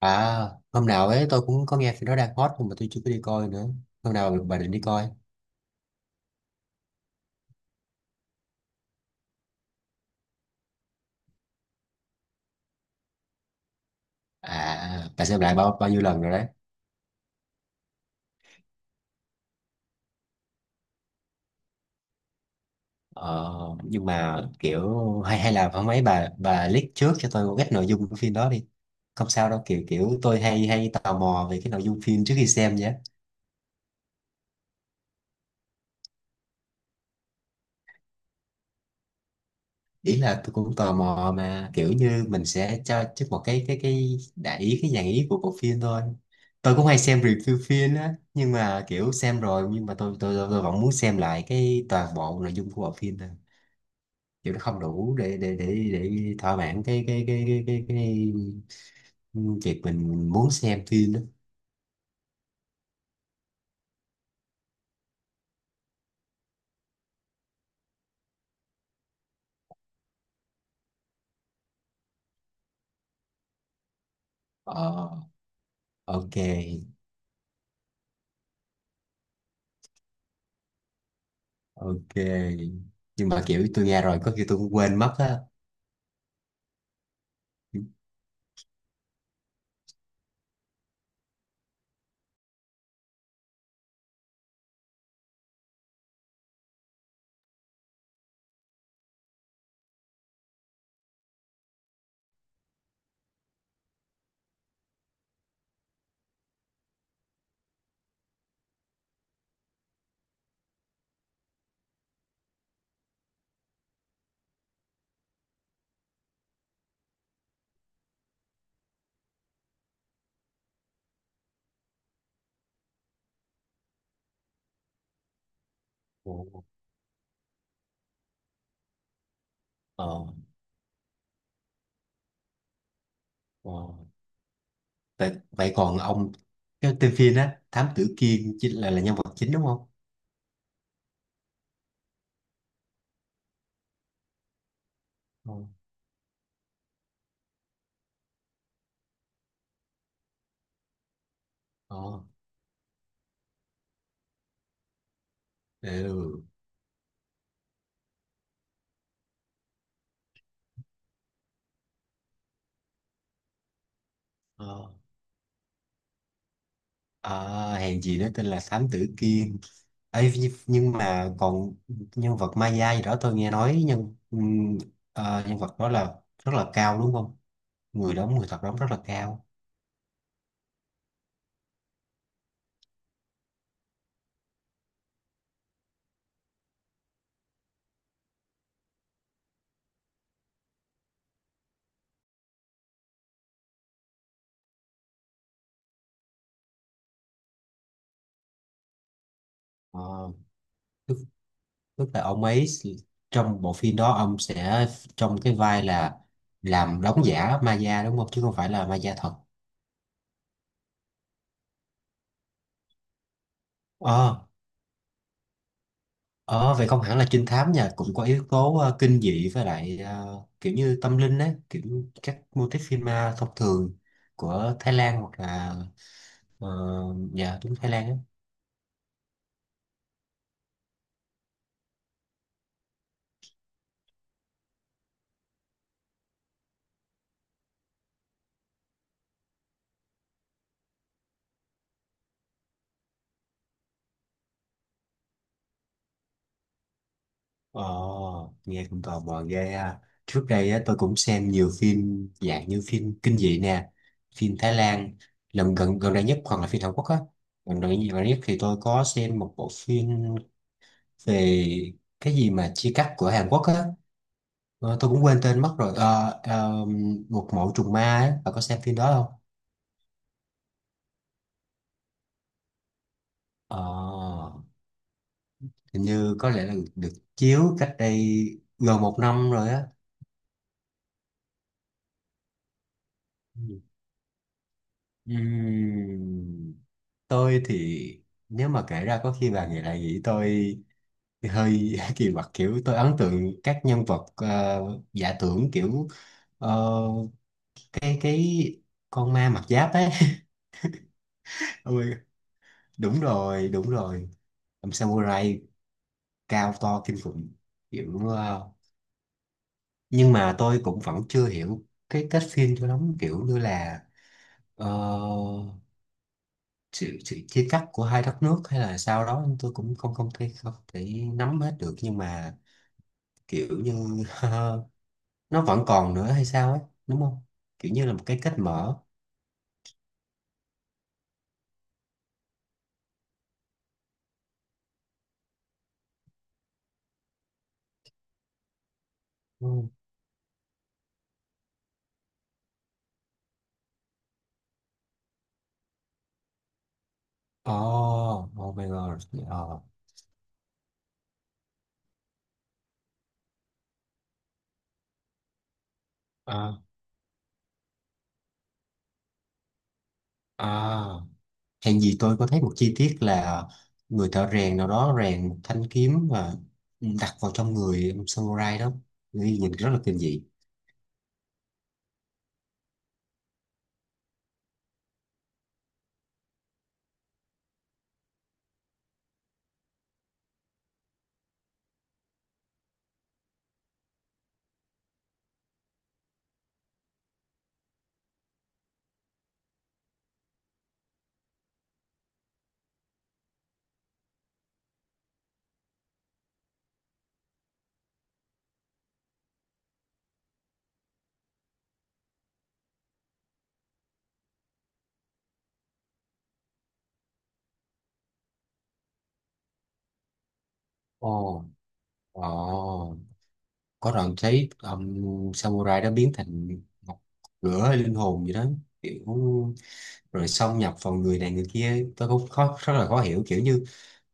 À, hôm nào ấy tôi cũng có nghe phim đó đang hot nhưng mà tôi chưa có đi coi nữa. Hôm nào bà định đi coi? À, bà xem lại bao bao nhiêu lần rồi đấy. Ờ, nhưng mà kiểu hay hay là hôm ấy bà leak trước cho tôi một ít nội dung của phim đó đi. Không sao đâu, kiểu kiểu tôi hay hay tò mò về cái nội dung phim trước khi xem nhé. Ý là tôi cũng tò mò mà kiểu như mình sẽ cho trước một cái đại ý cái dạng ý của bộ phim thôi. Tôi cũng hay xem review phim á, nhưng mà kiểu xem rồi nhưng mà tôi vẫn muốn xem lại cái toàn bộ nội dung của bộ phim thôi. Kiểu nó không đủ để thỏa mãn cái việc mình muốn xem phim đó. ờ ok, ok, nhưng mà kiểu tôi nghe rồi có khi tôi cũng quên mất á. Ồ, ờ, ờ. Vậy, vậy còn ông, cái tên phim á Thám Tử Kiên chính là nhân vật chính đúng không? Ờ, ồ, ừ, ờ. À, hèn gì nó tên là Thám Tử Kiên. Ấy, nhưng mà còn nhân vật Maya gì đó tôi nghe nói nhân nhân vật đó là rất là cao đúng không? Người đóng, người thật đóng rất là cao. Ờ, tức, tức là ông ấy trong bộ phim đó ông sẽ trong cái vai là làm đóng giả Maya đúng không? Chứ không phải là Maya thật. Ờ, vậy không hẳn là trinh thám nha, cũng có yếu tố kinh dị với lại kiểu như tâm linh á, kiểu như các mô típ phim ma thông thường của Thái Lan hoặc là ờ, dạ đúng Thái Lan á. Ờ, nghe cũng tò mò ghê ha. Trước đây á, tôi cũng xem nhiều phim dạng như phim kinh dị nè, phim Thái Lan lần gần gần đây nhất hoặc là phim Hàn Quốc á. Gần đây nhất thì tôi có xem một bộ phim về cái gì mà chia cắt của Hàn Quốc á. Ờ, tôi cũng quên tên mất rồi. Ờ, Một mẫu trùng ma ấy, bà có xem phim đó không? Ờ, hình như có lẽ là được chiếu cách đây gần một năm rồi á. Ừ. Ừm, tôi thì nếu mà kể ra có khi bà nghĩ lại nghĩ tôi hơi kỳ quặc, kiểu tôi ấn tượng các nhân vật giả tưởng kiểu ờ, cái con ma mặc giáp ấy Ôi, đúng rồi, đúng rồi. Ông samurai cao to kinh khủng, kiểu nhưng mà tôi cũng vẫn chưa hiểu cái kết phim cho lắm, kiểu như là ờ, sự chia cắt của hai đất nước hay là sao đó, tôi cũng không không thể không thể nắm hết được nhưng mà kiểu như nó vẫn còn nữa hay sao ấy, đúng không, kiểu như là một cái kết mở. Ừ. Oh, oh my god. Ờ. À, à. Hèn gì tôi có thấy một chi tiết là người thợ rèn nào đó rèn một thanh kiếm và đặt vào trong người ông samurai đó. Nghĩ nhìn rất là kinh dị. Ồ, ồ, có đoạn thấy ông samurai đó biến thành một lửa hay linh hồn gì đó, kiểu rồi xâm nhập vào người này người kia, tôi cũng khó rất là khó hiểu, kiểu như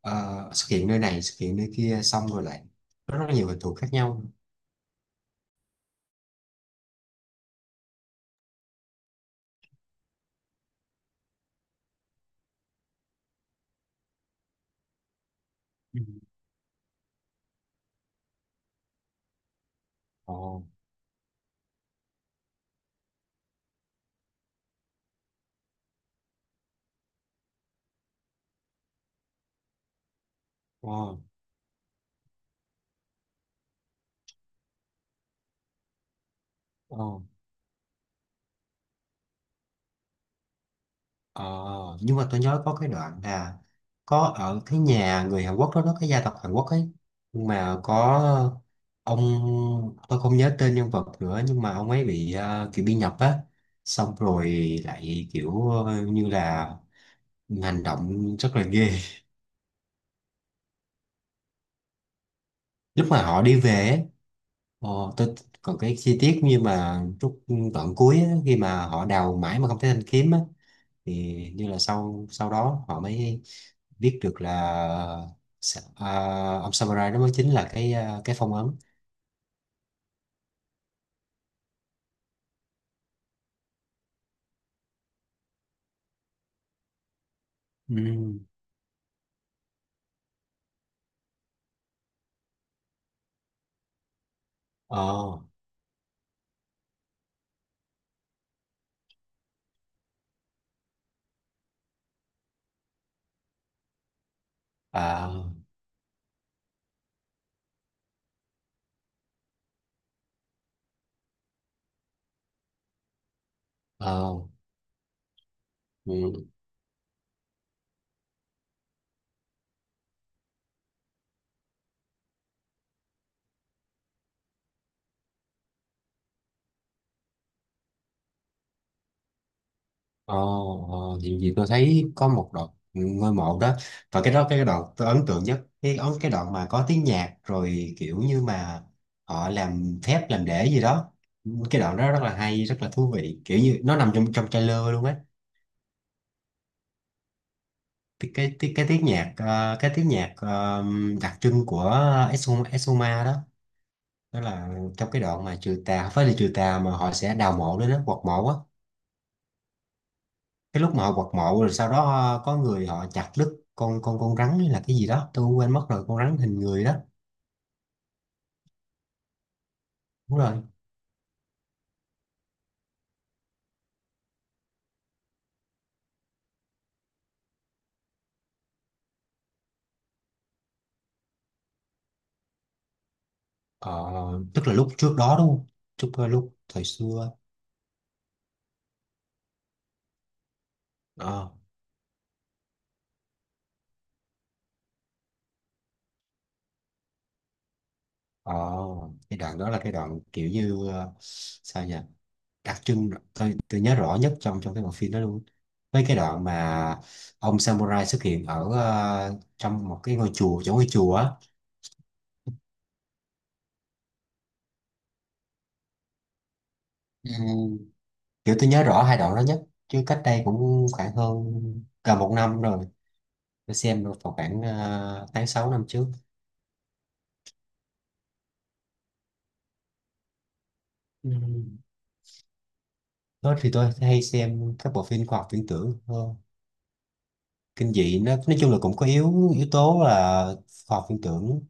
ờ, xuất hiện nơi này xuất hiện nơi kia xong rồi lại rất nhiều hình thù khác nhau. Ừ. Ồ, ồ, ồ. Ờ, nhưng mà tôi nhớ có cái đoạn là có ở cái nhà người Hàn Quốc đó cái gia tộc Hàn Quốc ấy, nhưng mà có ông, tôi không nhớ tên nhân vật nữa nhưng mà ông ấy bị kiểu bị nhập á, xong rồi lại kiểu như là hành động rất là ghê. Lúc mà họ đi về ấy, ờ, tôi còn cái chi tiết như mà lúc đoạn cuối á, khi mà họ đào mãi mà không thấy thanh kiếm á, thì như là sau sau đó họ mới biết được là Sa- à, ông samurai đó mới chính là cái cái phong ấn. Ừ, ờ, à, ờ, ừ, ờ. Ờ, thì tôi thấy có một đoạn ngôi mộ đó và cái đoạn tôi ấn tượng nhất, cái ấn cái đoạn mà có tiếng nhạc rồi kiểu như mà họ làm phép làm để gì đó. Cái đoạn đó rất là hay, rất là thú vị, kiểu như nó nằm trong trong trailer luôn á. Cái tiếng nhạc cái tiếng nhạc đặc trưng của Exuma đó, đó là trong cái đoạn mà trừ tà, không phải là trừ tà mà họ sẽ đào mộ đấy, đó quật mộ á. Cái lúc mà họ quật mộ rồi sau đó có người họ chặt đứt con rắn hay là cái gì đó tôi quên mất rồi, con rắn hình người đó. Đúng rồi. Ờ, tức là lúc trước đó đúng không, trước lúc thời xưa. Ờ, ờ. Cái đoạn đó là cái đoạn kiểu như sao nhỉ, đặc trưng tôi nhớ rõ nhất trong trong cái bộ phim đó luôn, với cái đoạn mà ông samurai xuất hiện ở trong một cái ngôi chùa, chỗ ngôi chùa á. Ừ, kiểu tôi nhớ rõ hai đoạn đó nhất, chứ cách đây cũng khoảng hơn gần một năm rồi. Tôi xem được vào khoảng tháng 6 năm trước. Ừ. Đó thì tôi hay xem các bộ phim khoa học viễn tưởng hơn. Kinh dị nó nói chung là cũng có yếu yếu tố là khoa học viễn tưởng,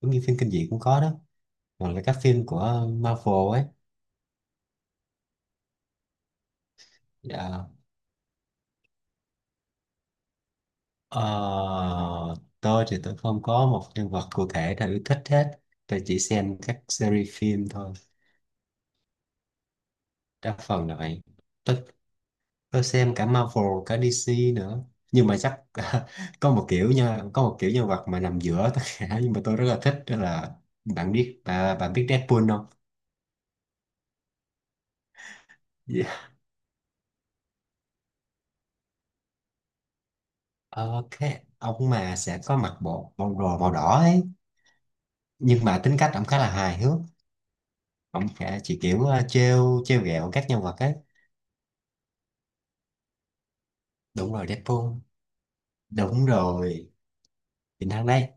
giống như phim kinh dị cũng có đó, còn là các phim của Marvel ấy. Dạ. Ờ, tôi thì tôi không có một nhân vật cụ thể nào yêu thích hết, tôi chỉ xem các series phim thôi. Đa phần là vậy. tôi tôi xem cả Marvel cả DC nữa, nhưng mà chắc có một kiểu nha, có một kiểu nhân vật mà nằm giữa tất cả nhưng mà tôi rất là thích đó là, bạn biết bà, bạn biết Deadpool không? Dạ. Ờ, cái ông mà sẽ có mặc bộ bộ đồ màu đỏ ấy, nhưng mà tính cách ông khá là hài hước. Ông sẽ chỉ kiểu trêu trêu ghẹo các nhân vật ấy. Đúng rồi Deadpool, đúng rồi, chính thắng đây.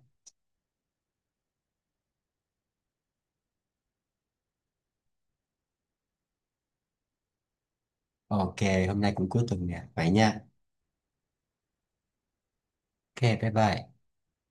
Ok, hôm nay cũng cuối tuần nè, vậy nha. Ok, bye bye.